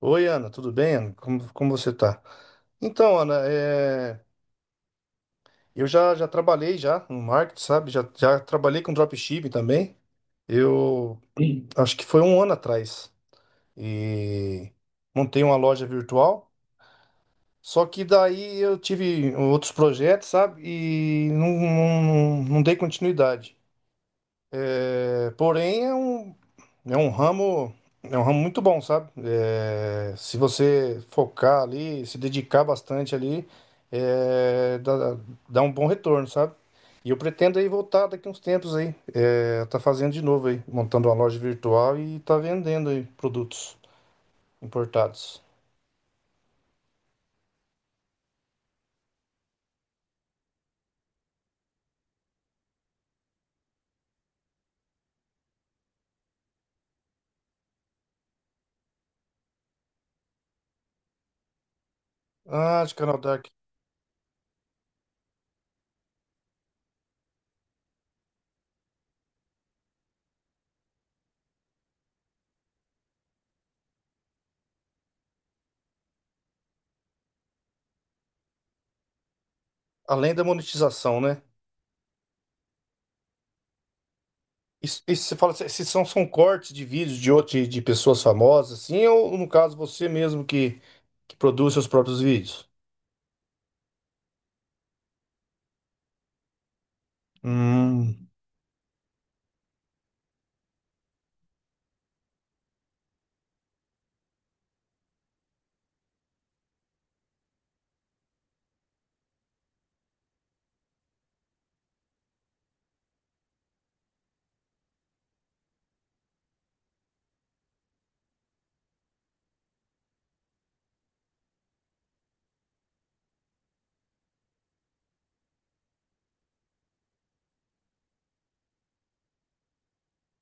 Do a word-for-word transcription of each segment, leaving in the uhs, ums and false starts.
Oi, Ana, tudo bem, Ana? Como, como você tá? Então, Ana, é, eu já, já trabalhei já no marketing, sabe? Já, já trabalhei com dropshipping também. Eu, sim, acho que foi um ano atrás. E montei uma loja virtual. Só que daí eu tive outros projetos, sabe? E não, não, não dei continuidade. É, porém, é um, É um ramo, é um ramo muito bom, sabe? É, se você focar ali, se dedicar bastante ali, é, dá, dá um bom retorno, sabe? E eu pretendo aí voltar daqui uns tempos aí, é, tá fazendo de novo aí, montando uma loja virtual e tá vendendo aí produtos importados. Ah, de canal Dark. Além da monetização, né? Isso, isso você fala, se se são, são cortes de vídeos de outro, de pessoas famosas, assim, ou no caso você mesmo que, que produz seus próprios vídeos? Hum.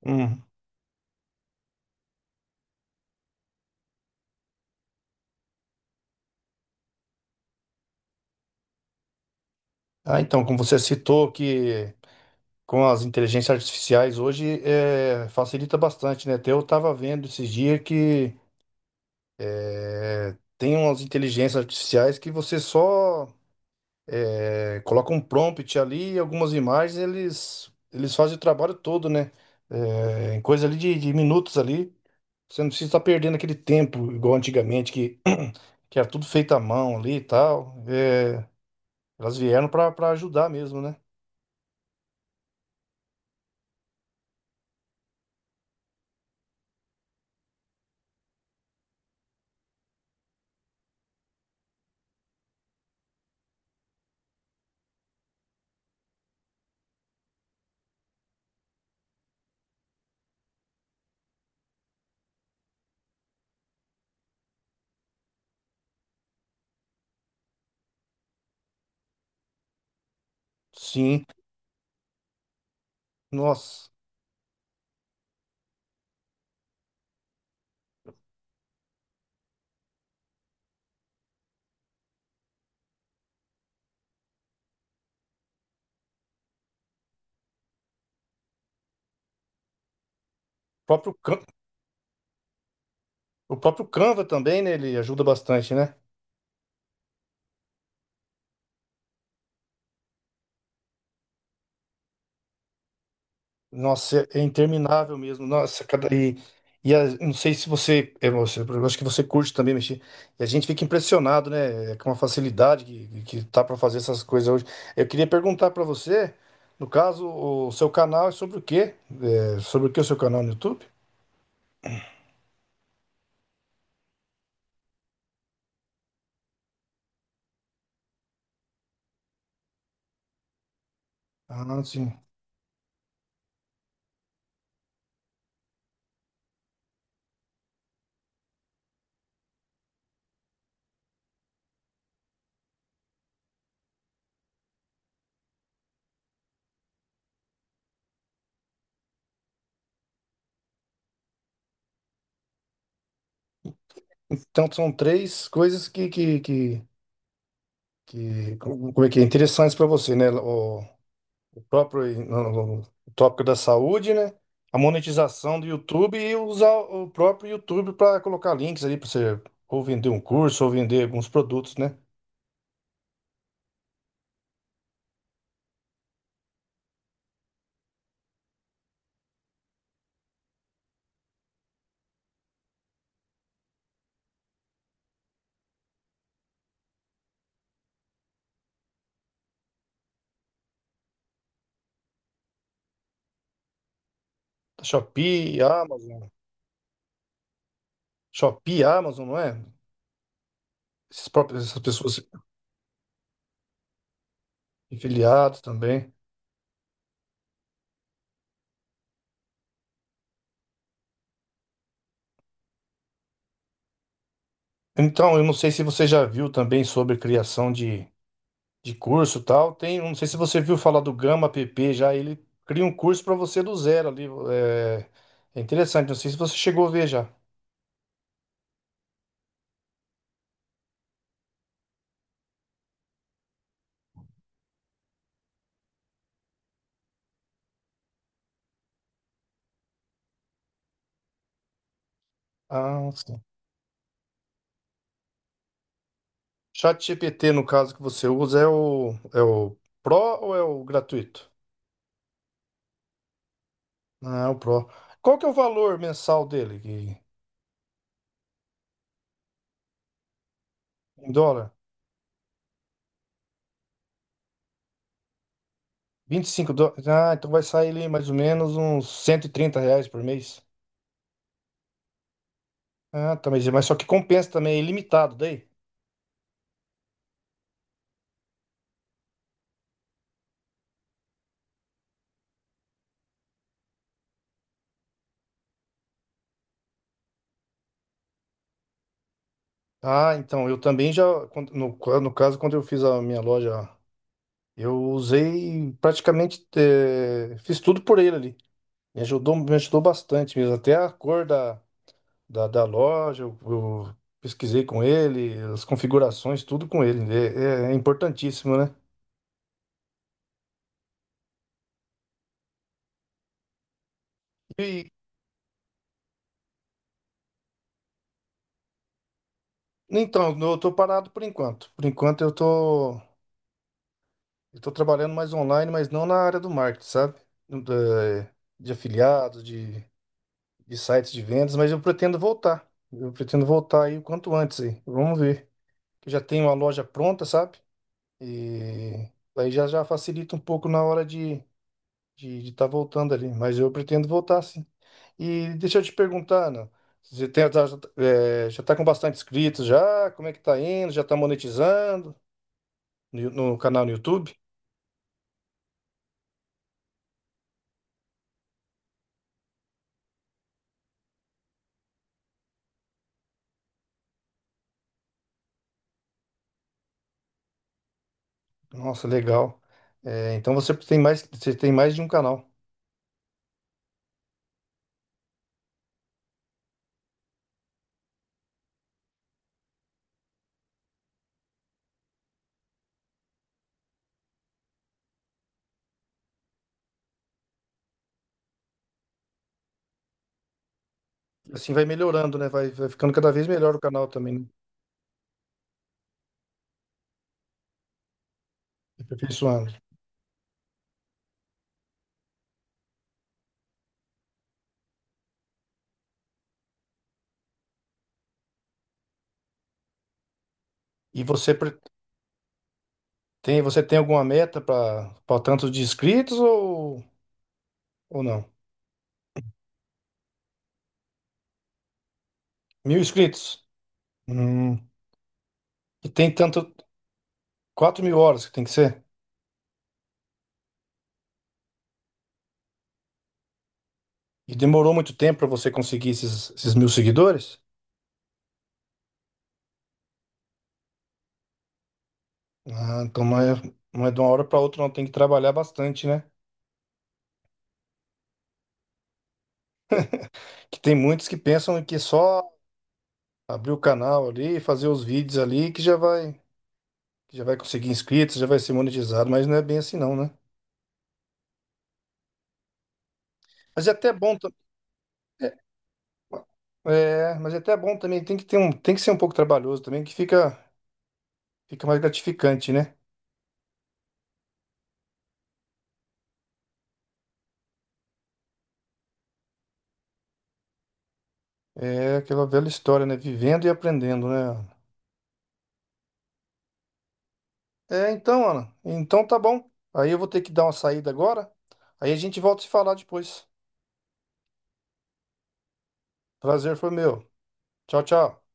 Hum. Ah, então, como você citou que com as inteligências artificiais hoje é, facilita bastante, né? Até eu estava vendo esses dias que é, tem umas inteligências artificiais que você só é, coloca um prompt ali, e algumas imagens, eles eles fazem o trabalho todo, né? É, em coisa ali de, de minutos ali, você não precisa estar perdendo aquele tempo igual antigamente que que era tudo feito à mão ali e tal. É, elas vieram para ajudar mesmo, né? Sim. Nossa, o próprio, Can- o próprio Canva também, né? Ele ajuda bastante, né? Nossa, é é interminável mesmo. Nossa, cada. E, e a- não sei se você, é, você. Eu acho que você curte também mexer. E a gente fica impressionado, né? é, Com a facilidade que, que tá para fazer essas coisas hoje. Eu queria perguntar para você, no caso, o seu canal é sobre o quê? É, sobre o que o seu canal no YouTube? Ah, sim. Então são três coisas que, que, que, que- como é que é? Interessantes para você, né? O, o próprio no- no- o tópico da saúde, né? A monetização do YouTube e usar o próprio YouTube para colocar links ali para você ou vender um curso ou vender alguns produtos, né? Da Shopee, Amazon, Shopee, Amazon, não é? Esses próprios, essas pessoas afiliadas também. Então, eu não sei se você já viu também sobre criação de, de curso e tal. Tem, eu não sei se você viu falar do Gama app já, ele cria um curso para você do zero ali. É, é interessante, não sei se você chegou a ver já. Ah, ChatGPT, no caso que você usa, é o, é o Pro ou é o gratuito? Ah, é o Pro. Qual que é o valor mensal dele que- Em dólar? Vinte e cinco dólares. Ah, então vai sair ali mais ou menos uns cento e trinta reais por mês. Ah, tá, mas, mas só que compensa também, é ilimitado daí. Ah, então, eu também já, quando- no, qua- no caso, quando eu fiz a minha loja, eu usei praticamente, eh, fiz tudo por ele ali. Me ajudou, me ajudou bastante mesmo, até a cor da da, da loja, eu, eu pesquisei com ele, as configurações, tudo com ele. É, é é importantíssimo, né? E então, eu tô parado por enquanto. Por enquanto eu tô, eu tô trabalhando mais online, mas não na área do marketing, sabe? Da- De, afiliados, de, de sites de vendas, mas eu pretendo voltar. Eu pretendo voltar aí o quanto antes aí. Vamos ver. Eu já tenho uma loja pronta, sabe? E aí já já facilita um pouco na hora de de estar voltando ali, mas eu pretendo voltar sim. E deixa eu te perguntar, Ana, você tem- tá- é, já está com bastante inscritos já? Como é que tá indo? Já está monetizando no, Yu- no canal no YouTube? Nossa, legal. É, então você tem mais, você tem mais de um canal. Assim vai melhorando, né? Vai, vai ficando cada vez melhor o canal também, né? Aperfeiçoando. E você pre- tem, você tem alguma meta para tanto de inscritos ou, ou não? Mil inscritos? Hum, e tem tanto, quatro mil horas que tem que ser? E demorou muito tempo para você conseguir esses, esses mil seguidores? Ah, então não é, não é de uma hora para outra, não. Tem que trabalhar bastante, né? Que tem muitos que pensam que só abrir o canal ali, fazer os vídeos ali, que já vai, que já vai conseguir inscritos, já vai ser monetizado, mas não é bem assim, não, né? Mas é até bom, tam- é, é, mas é até bom também. Tem que ter um, tem que ser um pouco trabalhoso também, que fica, fica mais gratificante, né? É aquela velha história, né? Vivendo e aprendendo, né? É, então, Ana. Então tá bom. Aí eu vou ter que dar uma saída agora. Aí a gente volta a se falar depois. Prazer foi meu. Tchau, tchau.